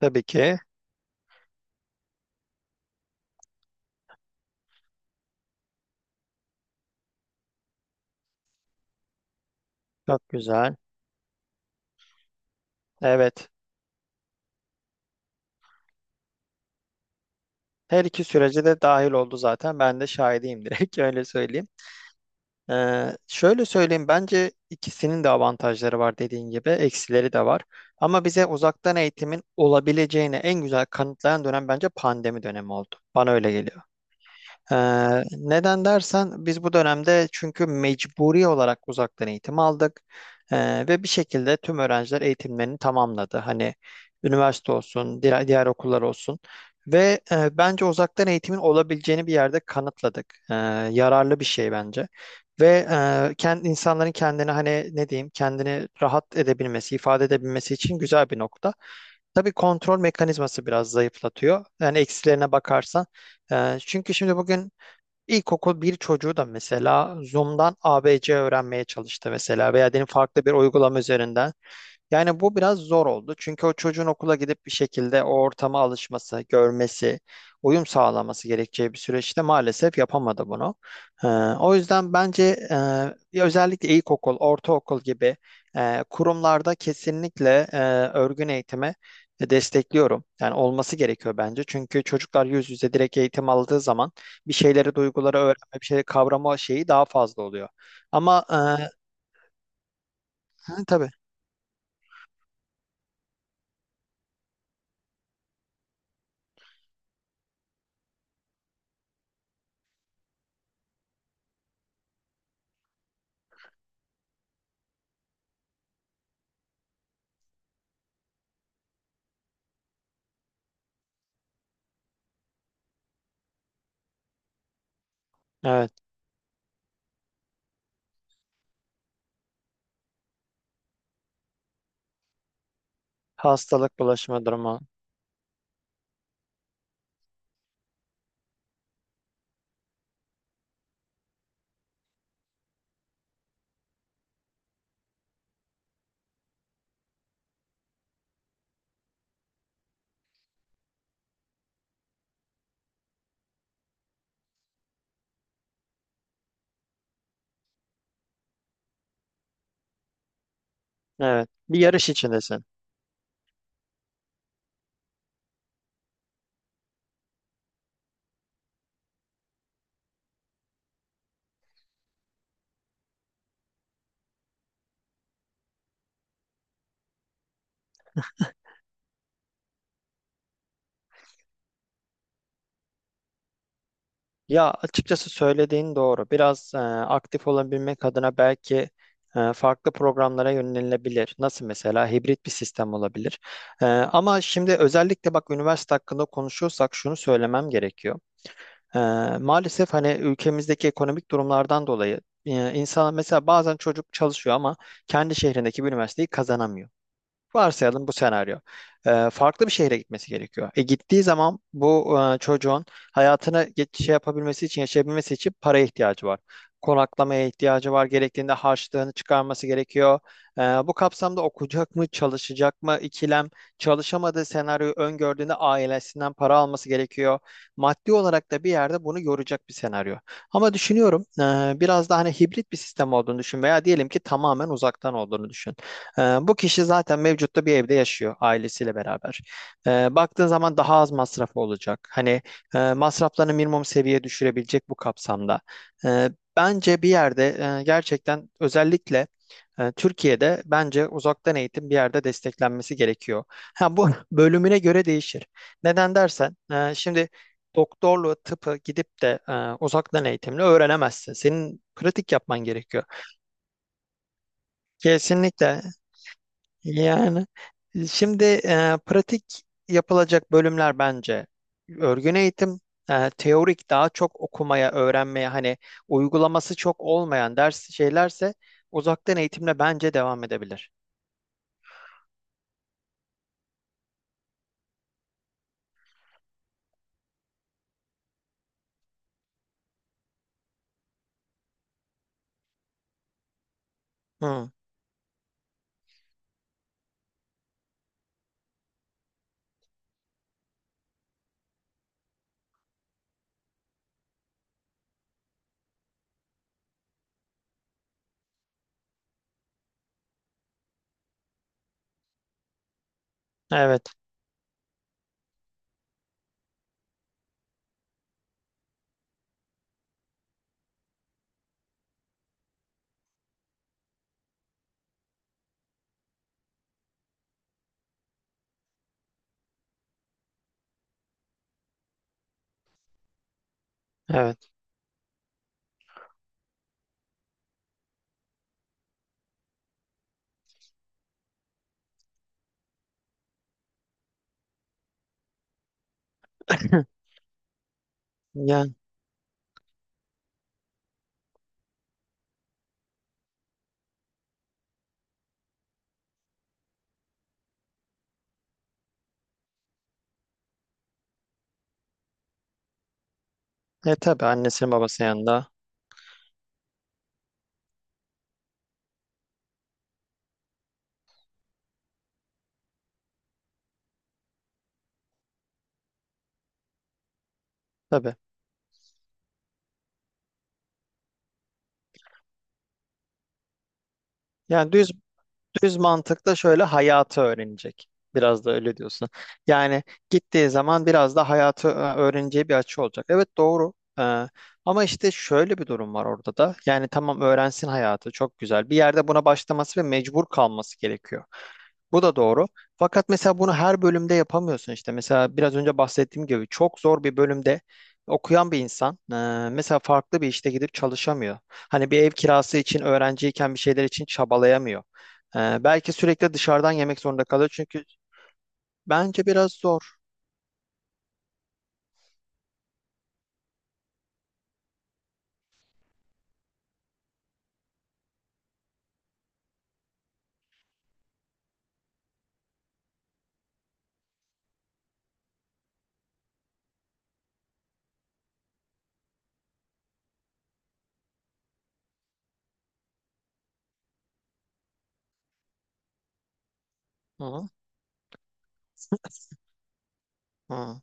Tabii ki. Çok güzel. Evet. Her iki sürece de dahil oldu zaten. Ben de şahidiyim direkt öyle söyleyeyim. Şöyle söyleyeyim bence ikisinin de avantajları var dediğin gibi eksileri de var. Ama bize uzaktan eğitimin olabileceğini en güzel kanıtlayan dönem bence pandemi dönemi oldu. Bana öyle geliyor. Ee, neden dersen biz bu dönemde çünkü mecburi olarak uzaktan eğitim aldık. Ve bir şekilde tüm öğrenciler eğitimlerini tamamladı. Hani üniversite olsun, diğer okullar olsun ve bence uzaktan eğitimin olabileceğini bir yerde kanıtladık. Ee, yararlı bir şey bence. Ve kendi insanların kendini hani ne diyeyim kendini rahat edebilmesi, ifade edebilmesi için güzel bir nokta. Tabii kontrol mekanizması biraz zayıflatıyor. Yani eksilerine bakarsan. Çünkü şimdi bugün İlkokul bir çocuğu da mesela Zoom'dan ABC öğrenmeye çalıştı mesela veya diyelim farklı bir uygulama üzerinden. Yani bu biraz zor oldu. Çünkü o çocuğun okula gidip bir şekilde o ortama alışması, görmesi, uyum sağlaması gerekeceği bir süreçte maalesef yapamadı bunu. Ee, o yüzden bence özellikle ilkokul, ortaokul gibi kurumlarda kesinlikle örgün eğitimi destekliyorum. Yani olması gerekiyor bence. Çünkü çocuklar yüz yüze direkt eğitim aldığı zaman bir şeyleri, duyguları öğrenme, bir şeyleri kavrama şeyi daha fazla oluyor. Ama hı, tabii, evet, hastalık bulaşma durumu. Evet, bir yarış içindesin. Ya açıkçası söylediğin doğru. Biraz aktif olabilmek adına belki farklı programlara yönelilebilir. Nasıl mesela hibrit bir sistem olabilir. Ama şimdi özellikle bak üniversite hakkında konuşuyorsak şunu söylemem gerekiyor. E, maalesef hani ülkemizdeki ekonomik durumlardan dolayı insan mesela bazen çocuk çalışıyor ama kendi şehrindeki bir üniversiteyi kazanamıyor. Varsayalım bu senaryo. Farklı bir şehre gitmesi gerekiyor. Gittiği zaman bu çocuğun hayatını şey yapabilmesi için, yaşayabilmesi için paraya ihtiyacı var. Konaklamaya ihtiyacı var. Gerektiğinde harçlığını çıkarması gerekiyor. Bu kapsamda okuyacak mı, çalışacak mı ikilem, çalışamadığı senaryoyu öngördüğünde ailesinden para alması gerekiyor. Maddi olarak da bir yerde bunu yoracak bir senaryo. Ama düşünüyorum biraz da hani hibrit bir sistem olduğunu düşün veya diyelim ki tamamen uzaktan olduğunu düşün. Bu kişi zaten mevcutta bir evde yaşıyor ailesiyle beraber. Baktığın zaman daha az masrafı olacak. Hani masraflarını minimum seviyeye düşürebilecek bu kapsamda. Ee, bence bir yerde gerçekten özellikle Türkiye'de bence uzaktan eğitim bir yerde desteklenmesi gerekiyor. Ha, bu bölümüne göre değişir. Neden dersen, şimdi doktorluğu, tıpı gidip de uzaktan eğitimle öğrenemezsin. Senin pratik yapman gerekiyor. Kesinlikle yani şimdi pratik yapılacak bölümler bence örgün eğitim, teorik daha çok okumaya, öğrenmeye hani uygulaması çok olmayan ders şeylerse uzaktan eğitimle bence devam edebilir. Hı, evet, evet. Yani tabii annesinin babasının yanında tabii. Yani düz mantıkla şöyle hayatı öğrenecek. Biraz da öyle diyorsun. Yani gittiği zaman biraz da hayatı öğreneceği bir açı olacak. Evet doğru. Ee, ama işte şöyle bir durum var orada da. Yani tamam öğrensin hayatı çok güzel. Bir yerde buna başlaması ve mecbur kalması gerekiyor. Bu da doğru. Fakat mesela bunu her bölümde yapamıyorsun işte. Mesela biraz önce bahsettiğim gibi çok zor bir bölümde okuyan bir insan mesela farklı bir işte gidip çalışamıyor. Hani bir ev kirası için öğrenciyken bir şeyler için çabalayamıyor. Belki sürekli dışarıdan yemek zorunda kalıyor çünkü bence biraz zor. Hı hı.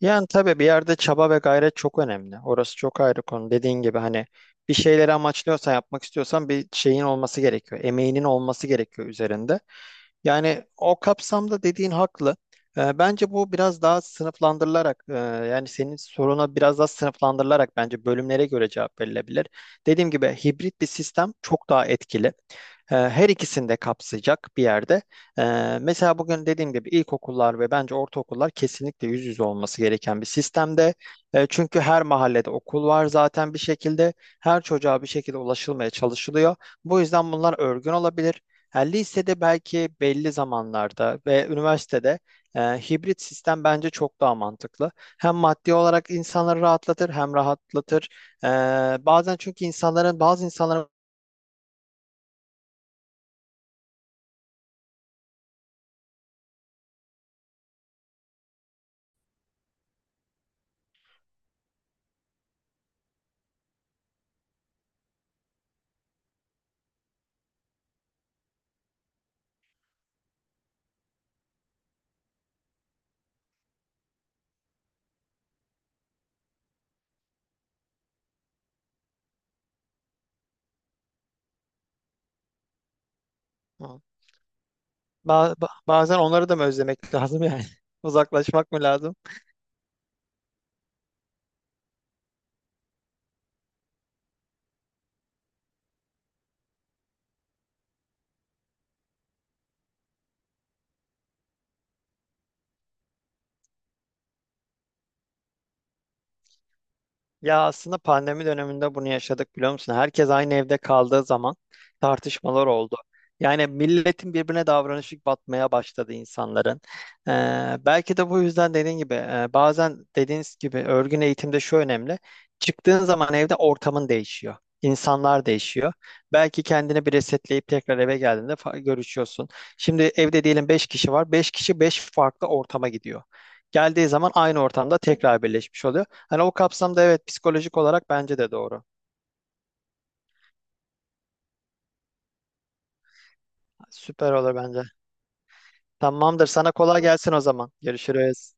Yani tabii bir yerde çaba ve gayret çok önemli. Orası çok ayrı konu. Dediğin gibi hani bir şeyleri amaçlıyorsan yapmak istiyorsan bir şeyin olması gerekiyor. Emeğinin olması gerekiyor üzerinde. Yani o kapsamda dediğin haklı. Bence bu biraz daha sınıflandırılarak yani senin soruna biraz daha sınıflandırılarak bence bölümlere göre cevap verilebilir. Dediğim gibi hibrit bir sistem çok daha etkili. Her ikisini de kapsayacak bir yerde. E, Mesela bugün dediğim gibi ilkokullar ve bence ortaokullar kesinlikle yüz yüze olması gereken bir sistemde. Çünkü her mahallede okul var zaten bir şekilde. Her çocuğa bir şekilde ulaşılmaya çalışılıyor. Bu yüzden bunlar örgün olabilir. Yani lisede belki belli zamanlarda ve üniversitede hibrit sistem bence çok daha mantıklı. Hem maddi olarak insanları rahatlatır hem rahatlatır. E, bazen çünkü bazı insanların bazen onları da mı özlemek lazım yani? Uzaklaşmak mı lazım? Ya aslında pandemi döneminde bunu yaşadık biliyor musun? Herkes aynı evde kaldığı zaman tartışmalar oldu. Yani milletin birbirine davranışı batmaya başladı insanların. Belki de bu yüzden dediğin gibi bazen dediğiniz gibi örgün eğitimde şu önemli. Çıktığın zaman evde ortamın değişiyor. İnsanlar değişiyor. Belki kendini bir resetleyip tekrar eve geldiğinde görüşüyorsun. Şimdi evde diyelim 5 kişi var. Beş kişi 5 farklı ortama gidiyor. Geldiği zaman aynı ortamda tekrar birleşmiş oluyor. Hani o kapsamda evet psikolojik olarak bence de doğru. Süper olur bence. Tamamdır. Sana kolay gelsin o zaman. Görüşürüz.